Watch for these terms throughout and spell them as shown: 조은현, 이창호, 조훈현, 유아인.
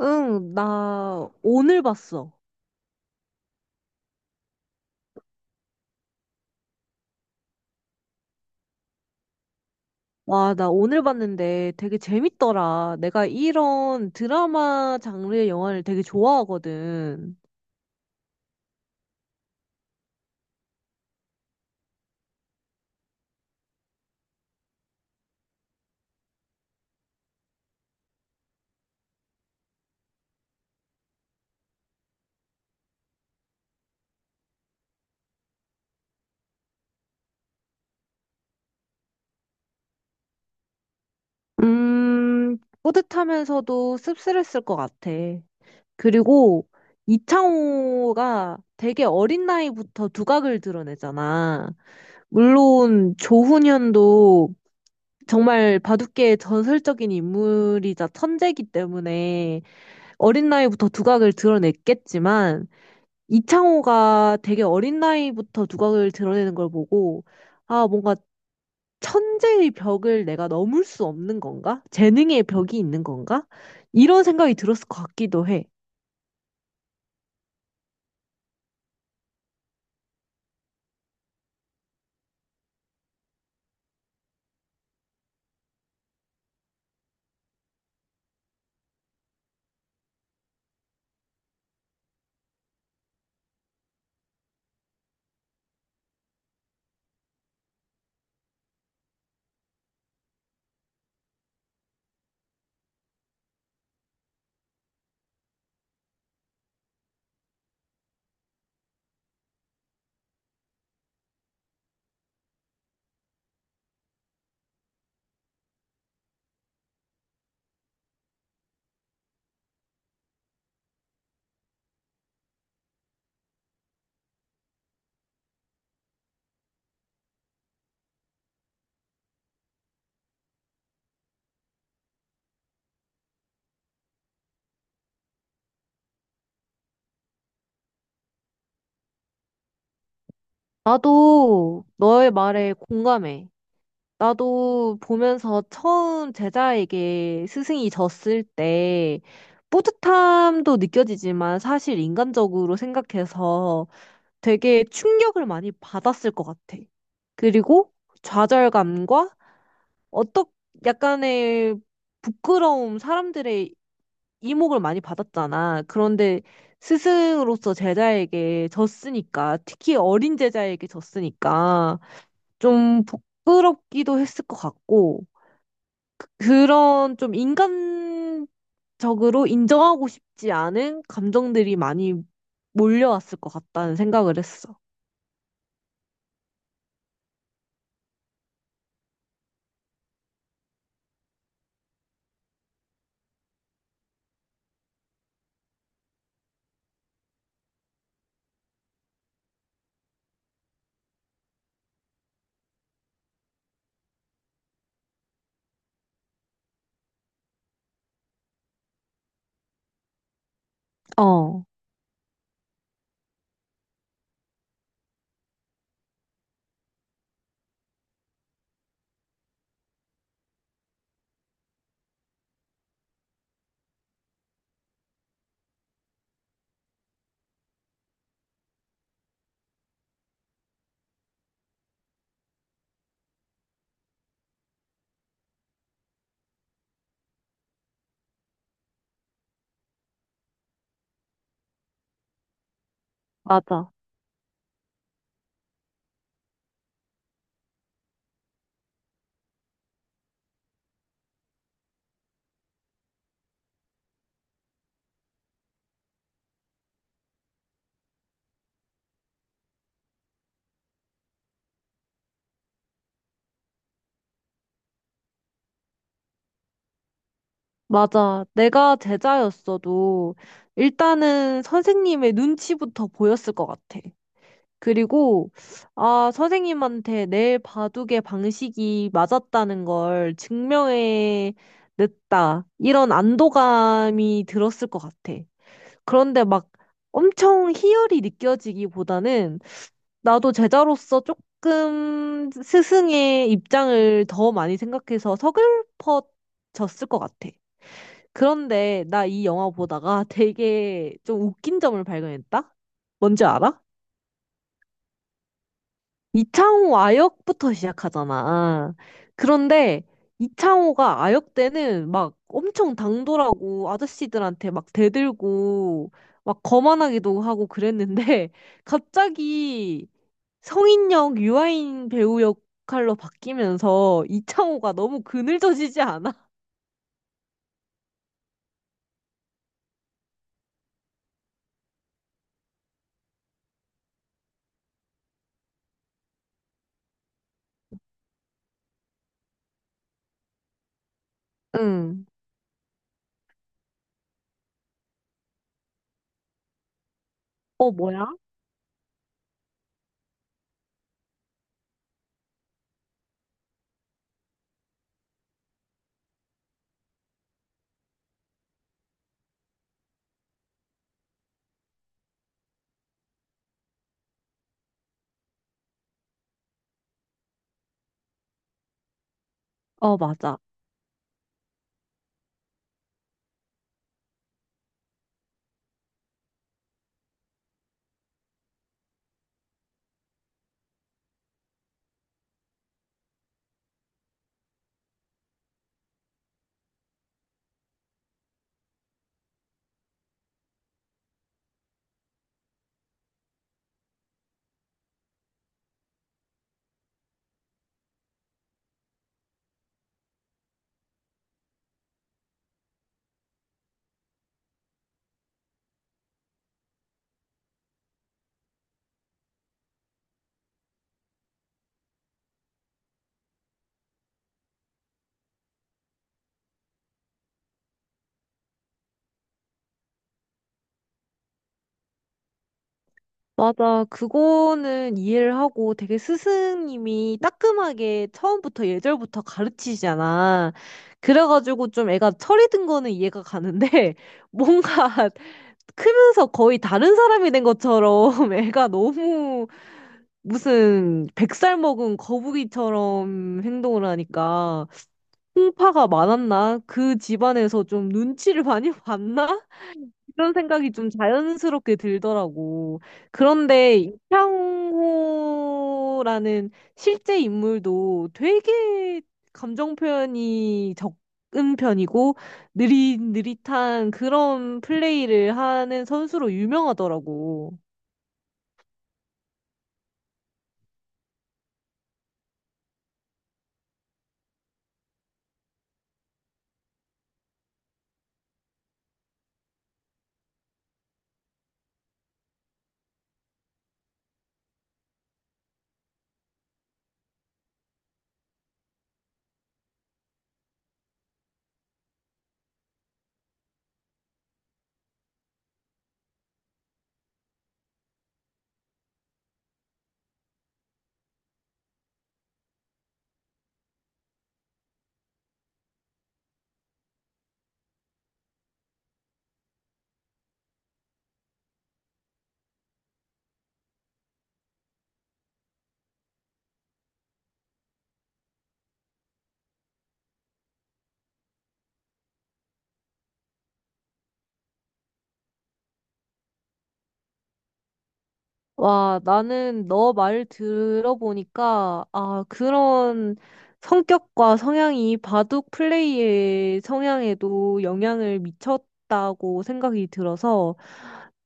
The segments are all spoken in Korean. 응, 나 오늘 봤어. 와, 나 오늘 봤는데 되게 재밌더라. 내가 이런 드라마 장르의 영화를 되게 좋아하거든. 음, 뿌듯하면서도 씁쓸했을 것 같아. 그리고 이창호가 되게 어린 나이부터 두각을 드러내잖아. 물론 조훈현도 정말 바둑계의 전설적인 인물이자 천재이기 때문에 어린 나이부터 두각을 드러냈겠지만 이창호가 되게 어린 나이부터 두각을 드러내는 걸 보고, 아, 뭔가 천재의 벽을 내가 넘을 수 없는 건가? 재능의 벽이 있는 건가? 이런 생각이 들었을 것 같기도 해. 나도 너의 말에 공감해. 나도 보면서 처음 제자에게 스승이 졌을 때 뿌듯함도 느껴지지만 사실 인간적으로 생각해서 되게 충격을 많이 받았을 것 같아. 그리고 좌절감과 어떤 약간의 부끄러움, 사람들의 이목을 많이 받았잖아. 그런데 스승으로서 제자에게 졌으니까, 특히 어린 제자에게 졌으니까 좀 부끄럽기도 했을 것 같고, 그런 좀 인간적으로 인정하고 싶지 않은 감정들이 많이 몰려왔을 것 같다는 생각을 했어. 어, 맞아. 맞아. 내가 제자였어도 일단은 선생님의 눈치부터 보였을 것 같아. 그리고, 아, 선생님한테 내 바둑의 방식이 맞았다는 걸 증명해 냈다. 이런 안도감이 들었을 것 같아. 그런데 막 엄청 희열이 느껴지기보다는 나도 제자로서 조금 스승의 입장을 더 많이 생각해서 서글퍼 졌을 것 같아. 그런데 나 이 영화 보다가 되게 좀 웃긴 점을 발견했다? 뭔지 알아? 이창호 아역부터 시작하잖아. 그런데 이창호가 아역 때는 막 엄청 당돌하고 아저씨들한테 막 대들고 막 거만하기도 하고 그랬는데 갑자기 성인역 유아인 배우 역할로 바뀌면서 이창호가 너무 그늘져지지 않아? 응. 어, 뭐야? 어, 맞아. 맞아. 그거는 이해를 하고 되게 스승님이 따끔하게 처음부터 예절부터 가르치시잖아. 그래가지고 좀 애가 철이 든 거는 이해가 가는데 뭔가 크면서 거의 다른 사람이 된 것처럼 애가 너무 무슨 100살 먹은 거북이처럼 행동을 하니까 풍파가 많았나? 그 집안에서 좀 눈치를 많이 봤나? 이런 생각이 좀 자연스럽게 들더라고. 그런데 이창호라는 실제 인물도 되게 감정 표현이 적은 편이고 느릿느릿한 그런 플레이를 하는 선수로 유명하더라고. 와, 나는 너 말 들어보니까, 아, 그런 성격과 성향이 바둑 플레이의 성향에도 영향을 미쳤다고 생각이 들어서,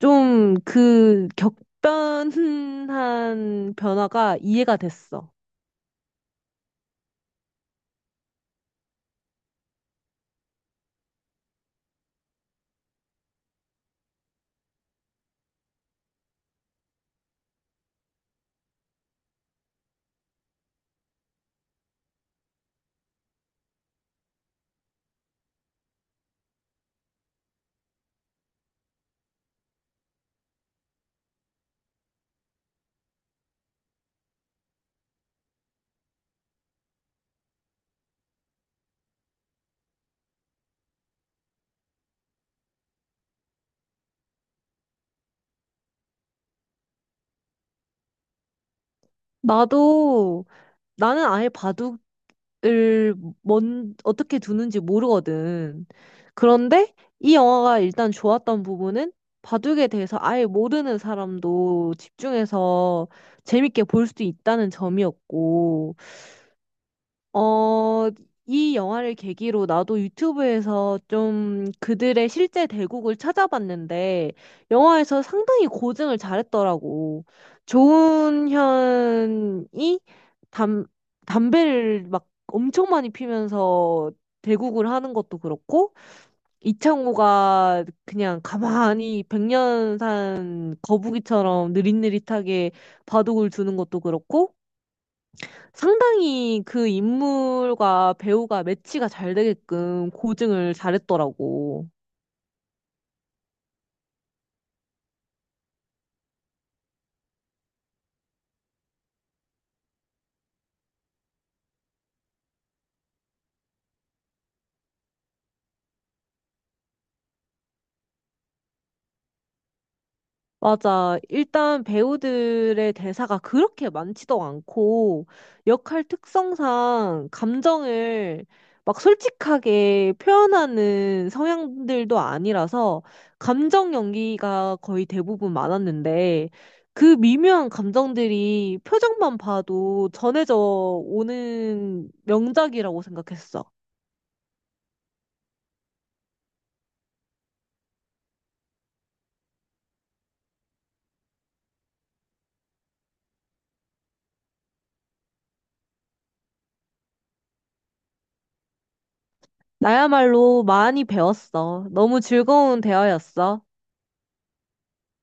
좀 그 격변한 변화가 이해가 됐어. 나도, 나는 아예 바둑 을 어떻게 두는지 모르거든. 그런데 이 영화가 일단 좋았던 부분은 바둑에 대해서 아예 모르는 사람도 집중해서 재밌게 볼 수 있다는 점이었고, 어, 이 영화를 계기로 나도 유튜브에서 좀 그들의 실제 대국을 찾아봤는데, 영화에서 상당히 고증을 잘했더라고. 조은현이 담, 담배를 막 엄청 많이 피면서 대국을 하는 것도 그렇고, 이창호가 그냥 가만히 100년산 거북이처럼 느릿느릿하게 바둑을 두는 것도 그렇고, 상당히 그 인물과 배우가 매치가 잘 되게끔 고증을 잘했더라고. 맞아. 일단 배우들의 대사가 그렇게 많지도 않고 역할 특성상 감정을 막 솔직하게 표현하는 성향들도 아니라서 감정 연기가 거의 대부분 많았는데 그 미묘한 감정들이 표정만 봐도 전해져 오는 명작이라고 생각했어. 나야말로 많이 배웠어. 너무 즐거운 대화였어.